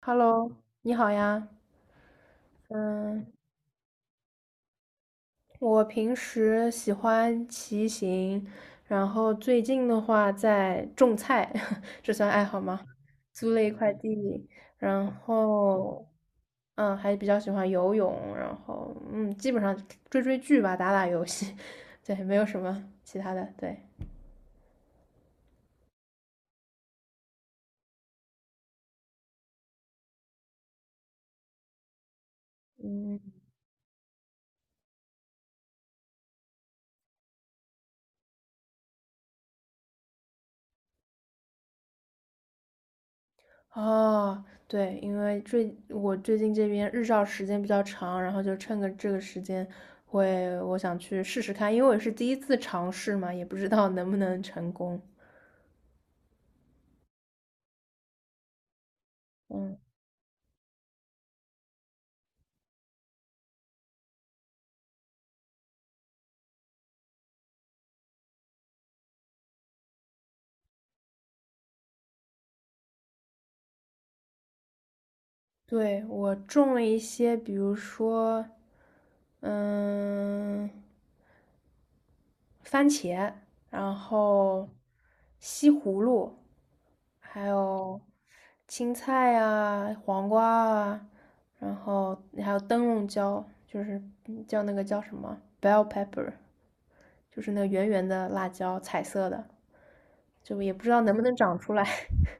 Hello，你好呀。嗯，我平时喜欢骑行，然后最近的话在种菜，这算爱好吗？租了一块地，然后还比较喜欢游泳，然后基本上追追剧吧，打打游戏，对，没有什么其他的，对。嗯。哦，对，因为我最近这边日照时间比较长，然后就趁个这个时间我想去试试看，因为我也是第一次尝试嘛，也不知道能不能成功。嗯，对，我种了一些，比如说，嗯。番茄，然后西葫芦，还有青菜啊、黄瓜啊，然后还有灯笼椒，就是那个叫什么 bell pepper，就是那个圆圆的辣椒，彩色的，就也不知道能不能长出来。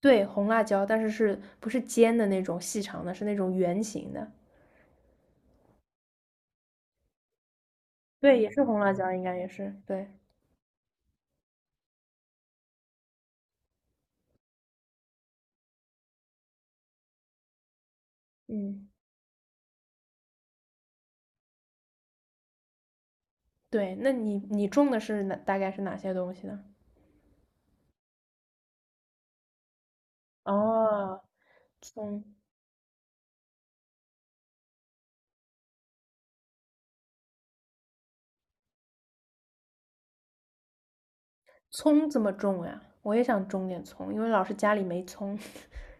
对，红辣椒，但是是不是尖的那种细长的，是那种圆形的。对，也是红辣椒，应该也是。对，嗯，对，那你种的是哪，大概是哪些东西呢？哦，葱葱怎么种呀？我也想种点葱，因为老是家里没葱。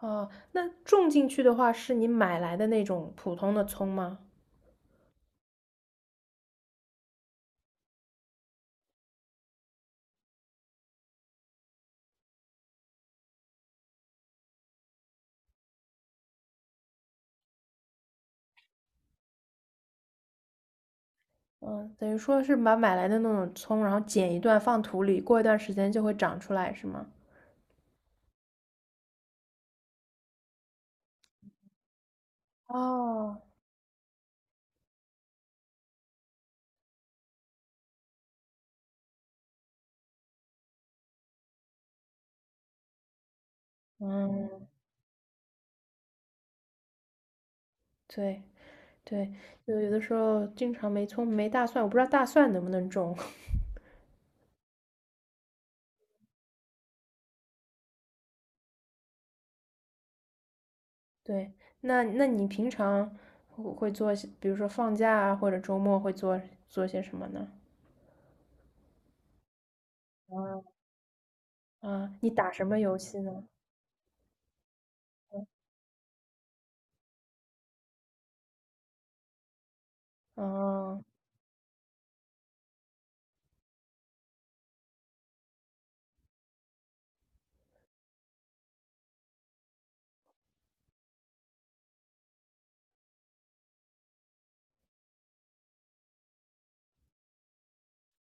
哦，那种进去的话，是你买来的那种普通的葱吗？嗯，等于说是把买来的那种葱，然后剪一段放土里，过一段时间就会长出来，是吗？哦，嗯，对对，就有的时候经常没葱没大蒜，我不知道大蒜能不能种。对，那你平常会做些，比如说放假啊，或者周末会做做些什么呢？啊，你打什么游戏呢？哦，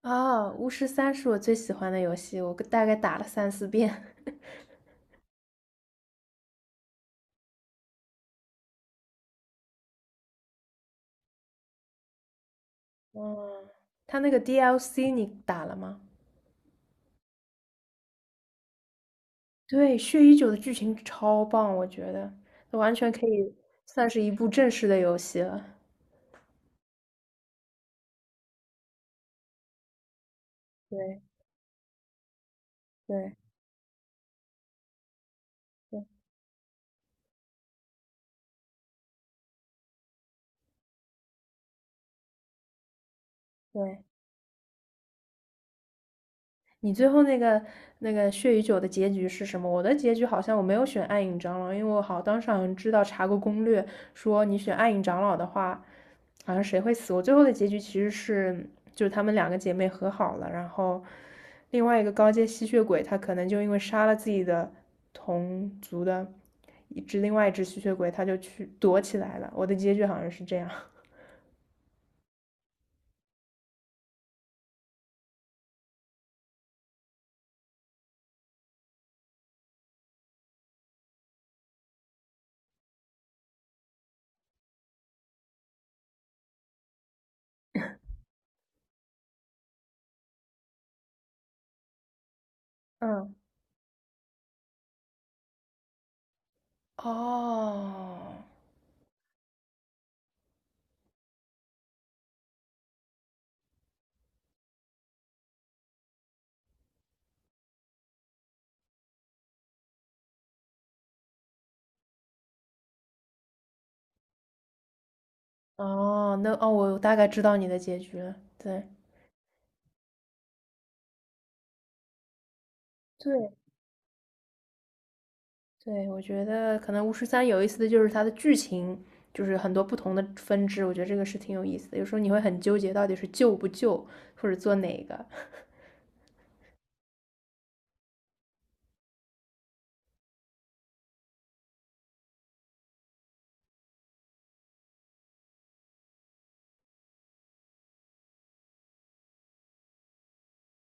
啊，巫师三是我最喜欢的游戏，我大概打了三四遍。嗯，它那个 DLC 你打了吗？对，血与酒的剧情超棒，我觉得完全可以算是一部正式的游戏了。对对对对。你最后那个血与酒的结局是什么？我的结局好像我没有选暗影长老，因为我当时好像知道查过攻略，说你选暗影长老的话，好像谁会死。我最后的结局其实是就是她们两个姐妹和好了，然后另外一个高阶吸血鬼他可能就因为杀了自己的同族的一只另外一只吸血鬼，他就去躲起来了。我的结局好像是这样。嗯，哦哦，那哦，我大概知道你的结局了，对。对对，我觉得可能巫师三有意思的就是它的剧情，就是很多不同的分支，我觉得这个是挺有意思的。有时候你会很纠结，到底是救不救，或者做哪个。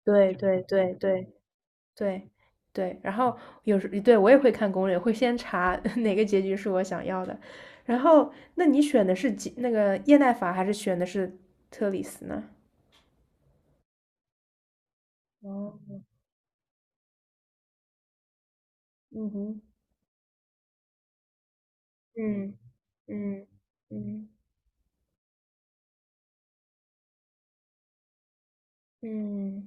对对对对对对，然后有时对我也会看攻略，会先查 哪个结局是我想要的。然后，那你选的是吉那个叶奈法，还是选的是特里斯呢？哦，嗯哼，嗯嗯嗯嗯。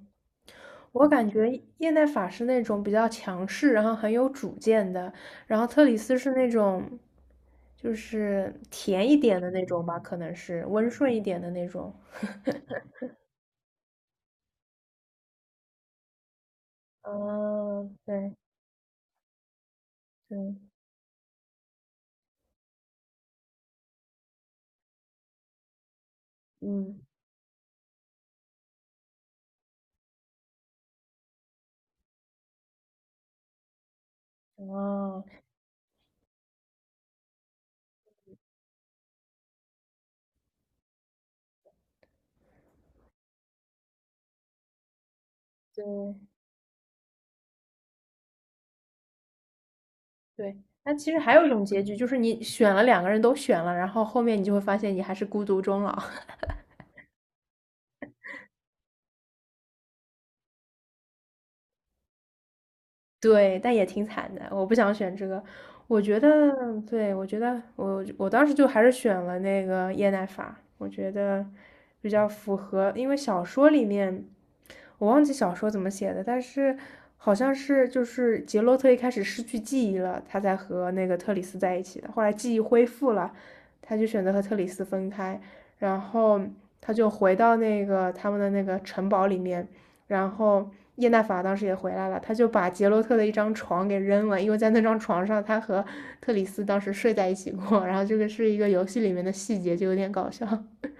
我感觉叶奈法是那种比较强势，然后很有主见的，然后特里斯是那种就是甜一点的那种吧，可能是温顺一点的那种。嗯，对对，嗯，哦，对对。那其实还有一种结局，就是你选了两个人都选了，然后后面你就会发现你还是孤独终老。对，但也挺惨的。我不想选这个，我觉得，对，我觉得我当时就还是选了那个叶奈法，我觉得比较符合，因为小说里面我忘记小说怎么写的，但是好像是就是杰洛特一开始失去记忆了，他才和那个特里斯在一起的，后来记忆恢复了，他就选择和特里斯分开，然后他就回到那个他们的那个城堡里面。然后叶娜法当时也回来了，他就把杰洛特的一张床给扔了，因为在那张床上他和特里斯当时睡在一起过。然后这个是一个游戏里面的细节，就有点搞笑。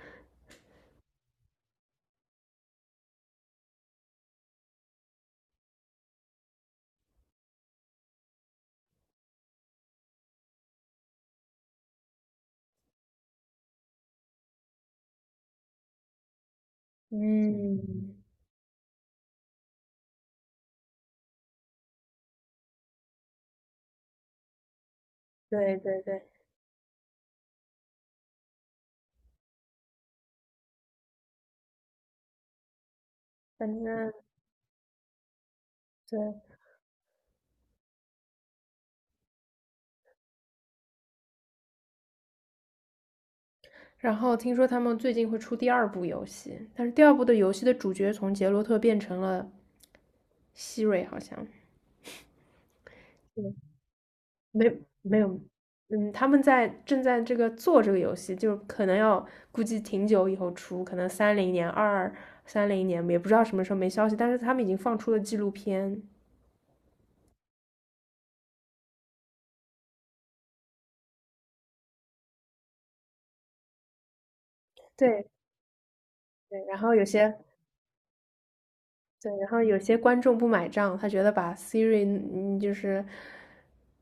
嗯，对对对，反正对，然后听说他们最近会出第二部游戏，但是第二部的游戏的主角从杰洛特变成了希瑞，好像。没没有，嗯，他们正在这个做这个游戏，就是可能要估计挺久以后出，可能三零年、二三零年，也不知道什么时候没消息，但是他们已经放出了纪录片。对对，然后有些对，然后有些观众不买账，他觉得把 Siri 嗯就是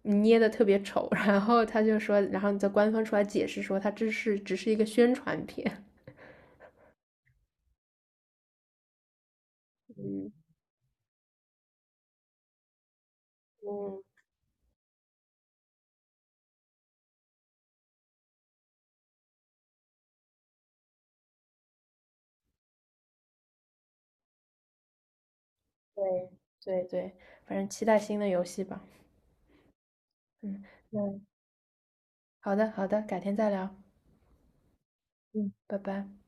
捏的特别丑，然后他就说，然后在官方出来解释说，他这是只是一个宣传片。嗯嗯，对对对，反正期待新的游戏吧。嗯，那好的，好的，改天再聊。嗯，拜拜。